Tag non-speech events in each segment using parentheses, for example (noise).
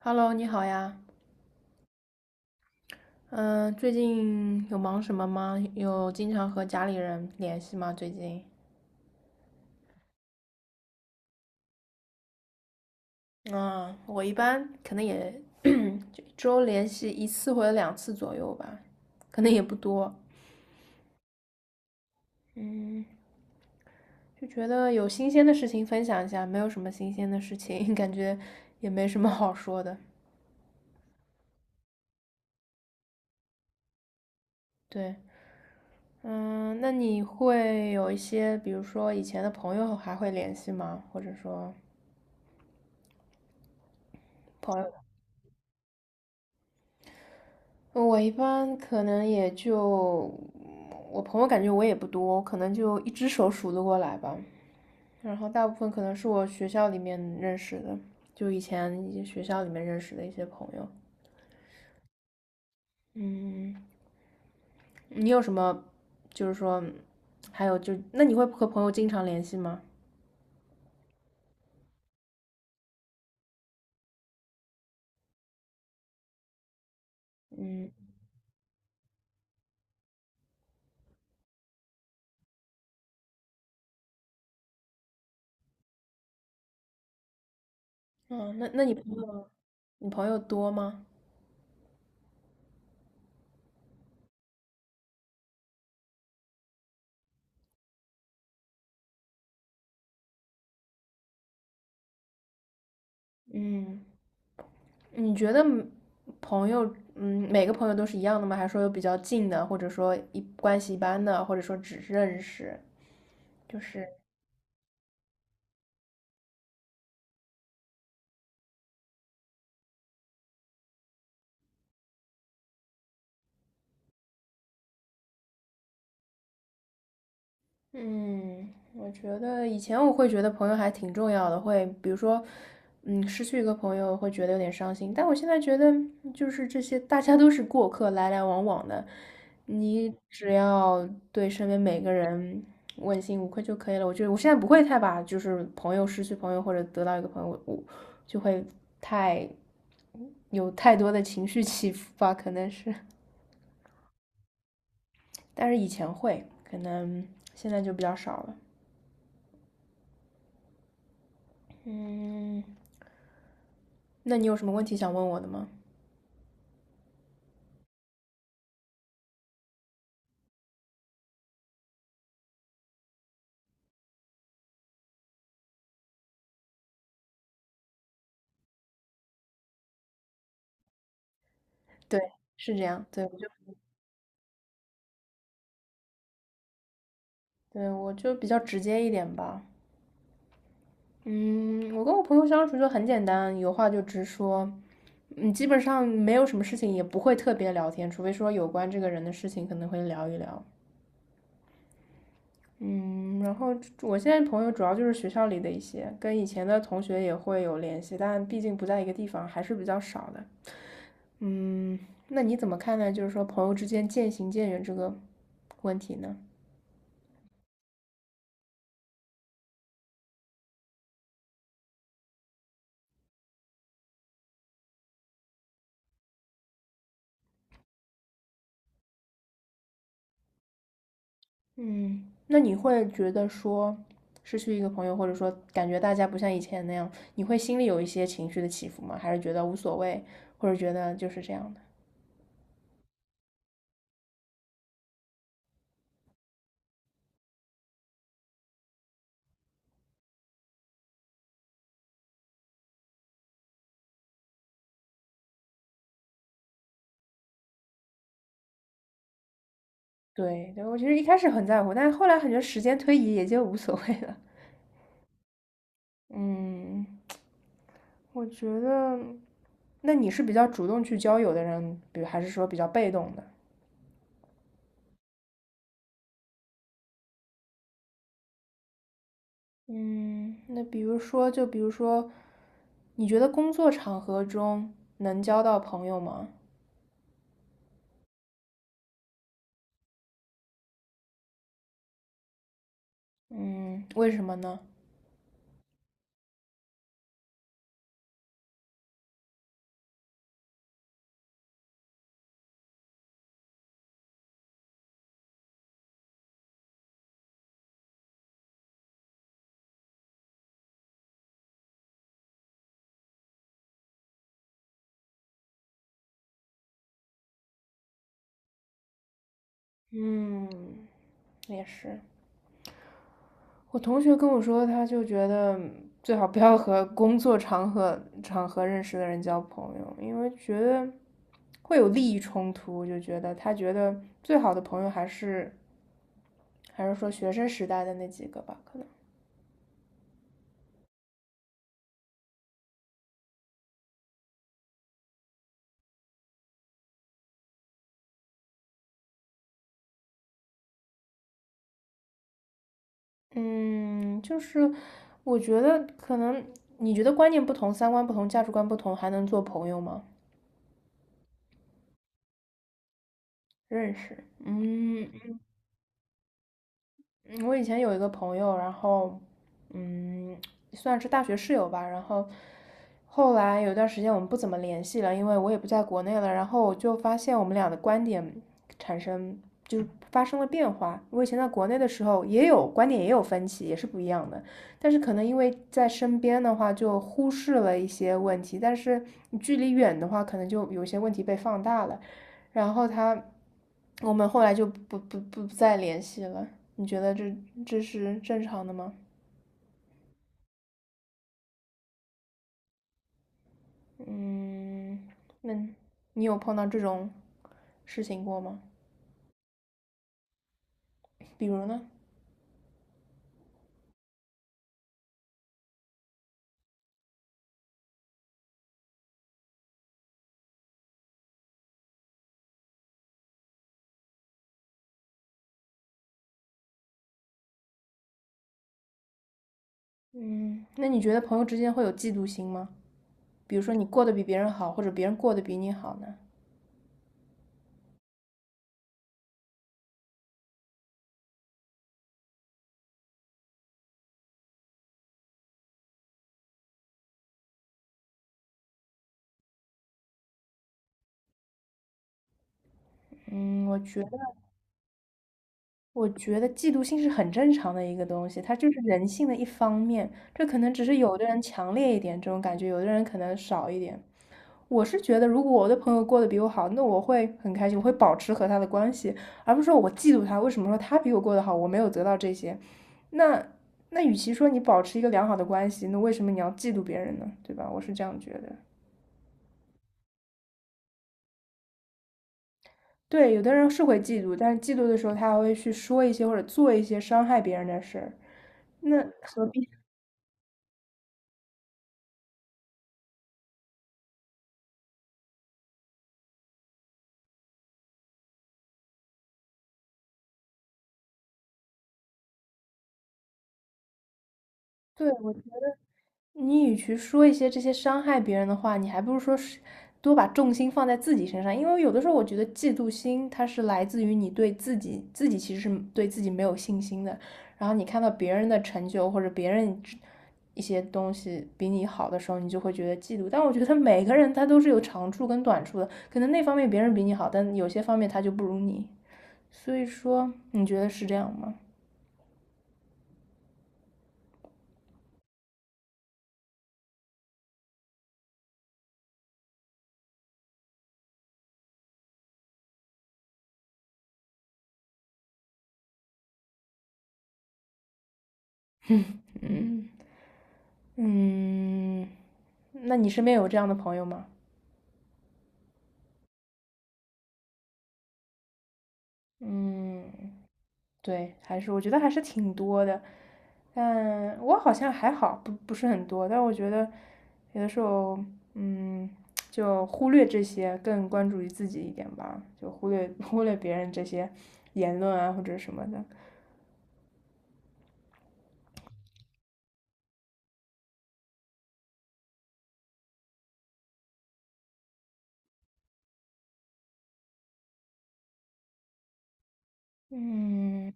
Hello，你好呀。嗯，最近有忙什么吗？有经常和家里人联系吗？最近？嗯，我一般可能也 (clears throat) 就一周联系一次或者两次左右吧，可能也不多。嗯，就觉得有新鲜的事情分享一下，没有什么新鲜的事情，(laughs) 感觉也没什么好说的。对，嗯，那你会有一些，比如说以前的朋友还会联系吗？或者说朋友？我一般可能也就，我朋友感觉我也不多，可能就一只手数得过来吧。然后大部分可能是我学校里面认识的，就以前一些学校里面认识的一些朋友。嗯，你有什么，就是说，还有就，那你会和朋友经常联系吗？嗯，哦，那你朋友，你朋友多吗？嗯。你觉得嗯朋友，嗯，每个朋友都是一样的吗？还是说有比较近的，或者说一关系一般的，或者说只认识，就是嗯，我觉得以前我会觉得朋友还挺重要的，会比如说，嗯，失去一个朋友会觉得有点伤心，但我现在觉得就是这些大家都是过客，来来往往的，你只要对身边每个人问心无愧就可以了。我觉得我现在不会太把就是朋友失去朋友或者得到一个朋友，我就会太有太多的情绪起伏吧，可能是，(laughs) 但是以前会，可能现在就比较少了。嗯。那你有什么问题想问我的吗？对，是这样。对，我就比较直接一点吧。嗯，我跟我朋友相处就很简单，有话就直说。嗯，基本上没有什么事情，也不会特别聊天，除非说有关这个人的事情可能会聊一聊。嗯，然后我现在朋友主要就是学校里的一些，跟以前的同学也会有联系，但毕竟不在一个地方，还是比较少的。嗯，那你怎么看待就是说朋友之间渐行渐远这个问题呢？嗯，那你会觉得说失去一个朋友，或者说感觉大家不像以前那样，你会心里有一些情绪的起伏吗？还是觉得无所谓，或者觉得就是这样的？对对，我其实一开始很在乎，但是后来感觉时间推移也就无所谓了。嗯 (tsk)，我觉得，那你是比较主动去交友的人，比如还是说比较被动的？嗯，那比如说，就比如说，你觉得工作场合中能交到朋友吗？嗯，为什么呢？嗯，也是。我同学跟我说，他就觉得最好不要和工作场合认识的人交朋友，因为觉得会有利益冲突，就觉得他觉得最好的朋友还是说学生时代的那几个吧，可能。嗯，就是我觉得可能你觉得观念不同、三观不同、价值观不同，还能做朋友吗？认识，嗯，嗯，我以前有一个朋友，然后，嗯，算是大学室友吧。然后后来有段时间我们不怎么联系了，因为我也不在国内了。然后我就发现我们俩的观点产生就是发生了变化。我以前在国内的时候也有观点也有分歧，也是不一样的。但是可能因为在身边的话就忽视了一些问题，但是你距离远的话，可能就有些问题被放大了。然后他。我们后来就不再联系了。你觉得这是正常的吗？嗯，那你有碰到这种事情过吗？比如呢？嗯，那你觉得朋友之间会有嫉妒心吗？比如说你过得比别人好，或者别人过得比你好呢？嗯，我觉得嫉妒心是很正常的一个东西，它就是人性的一方面。这可能只是有的人强烈一点这种感觉，有的人可能少一点。我是觉得，如果我的朋友过得比我好，那我会很开心，我会保持和他的关系，而不是说我嫉妒他。为什么说他比我过得好，我没有得到这些？那那与其说你保持一个良好的关系，那为什么你要嫉妒别人呢？对吧？我是这样觉得。对，有的人是会嫉妒，但是嫉妒的时候，他还会去说一些或者做一些伤害别人的事儿。那何必？对，你与其说一些这些伤害别人的话，你还不如说是多把重心放在自己身上。因为有的时候，我觉得嫉妒心它是来自于你对自己，自己其实是对自己没有信心的。然后你看到别人的成就或者别人一些东西比你好的时候，你就会觉得嫉妒。但我觉得每个人他都是有长处跟短处的，可能那方面别人比你好，但有些方面他就不如你。所以说，你觉得是这样吗？嗯嗯，那你身边有这样的朋友吗？嗯，对，还是我觉得还是挺多的，但我好像还好，不不是很多，但我觉得有的时候，嗯，就忽略这些，更关注于自己一点吧，就忽略别人这些言论啊或者什么的。嗯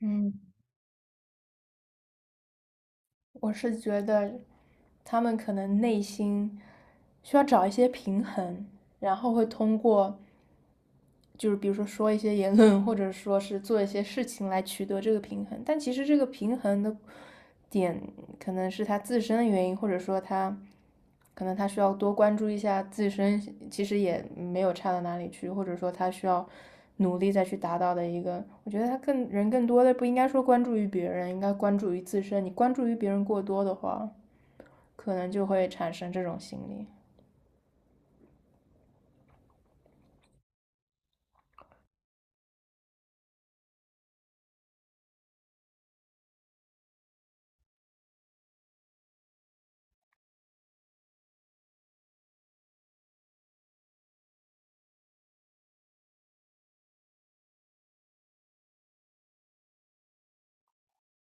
嗯，我是觉得他们可能内心需要找一些平衡，然后会通过。就是比如说说一些言论，或者说是做一些事情来取得这个平衡。但其实这个平衡的点可能是他自身的原因，或者说他可能他需要多关注一下自身，其实也没有差到哪里去，或者说他需要努力再去达到的一个。我觉得他更人更多的不应该说关注于别人，应该关注于自身。你关注于别人过多的话，可能就会产生这种心理。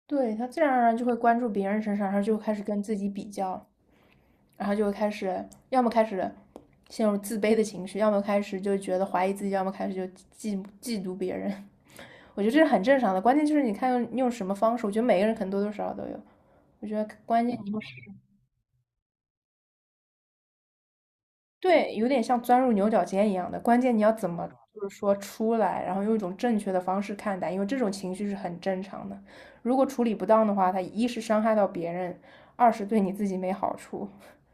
对，他自然而然就会关注别人身上，他就开始跟自己比较。然后就会开始，要么开始陷入自卑的情绪，要么开始就觉得怀疑自己，要么开始就嫉妒别人。(laughs) 我觉得这是很正常的，关键就是你看用什么方式。我觉得每个人可能多多少少都有。我觉得关键你对，有点像钻入牛角尖一样的，关键你要怎么就是说出来，然后用一种正确的方式看待，因为这种情绪是很正常的。如果处理不当的话，它一是伤害到别人，二是对你自己没好处。(laughs)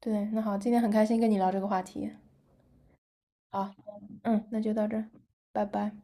对，那好，今天很开心跟你聊这个话题。啊，嗯，那就到这儿，拜拜。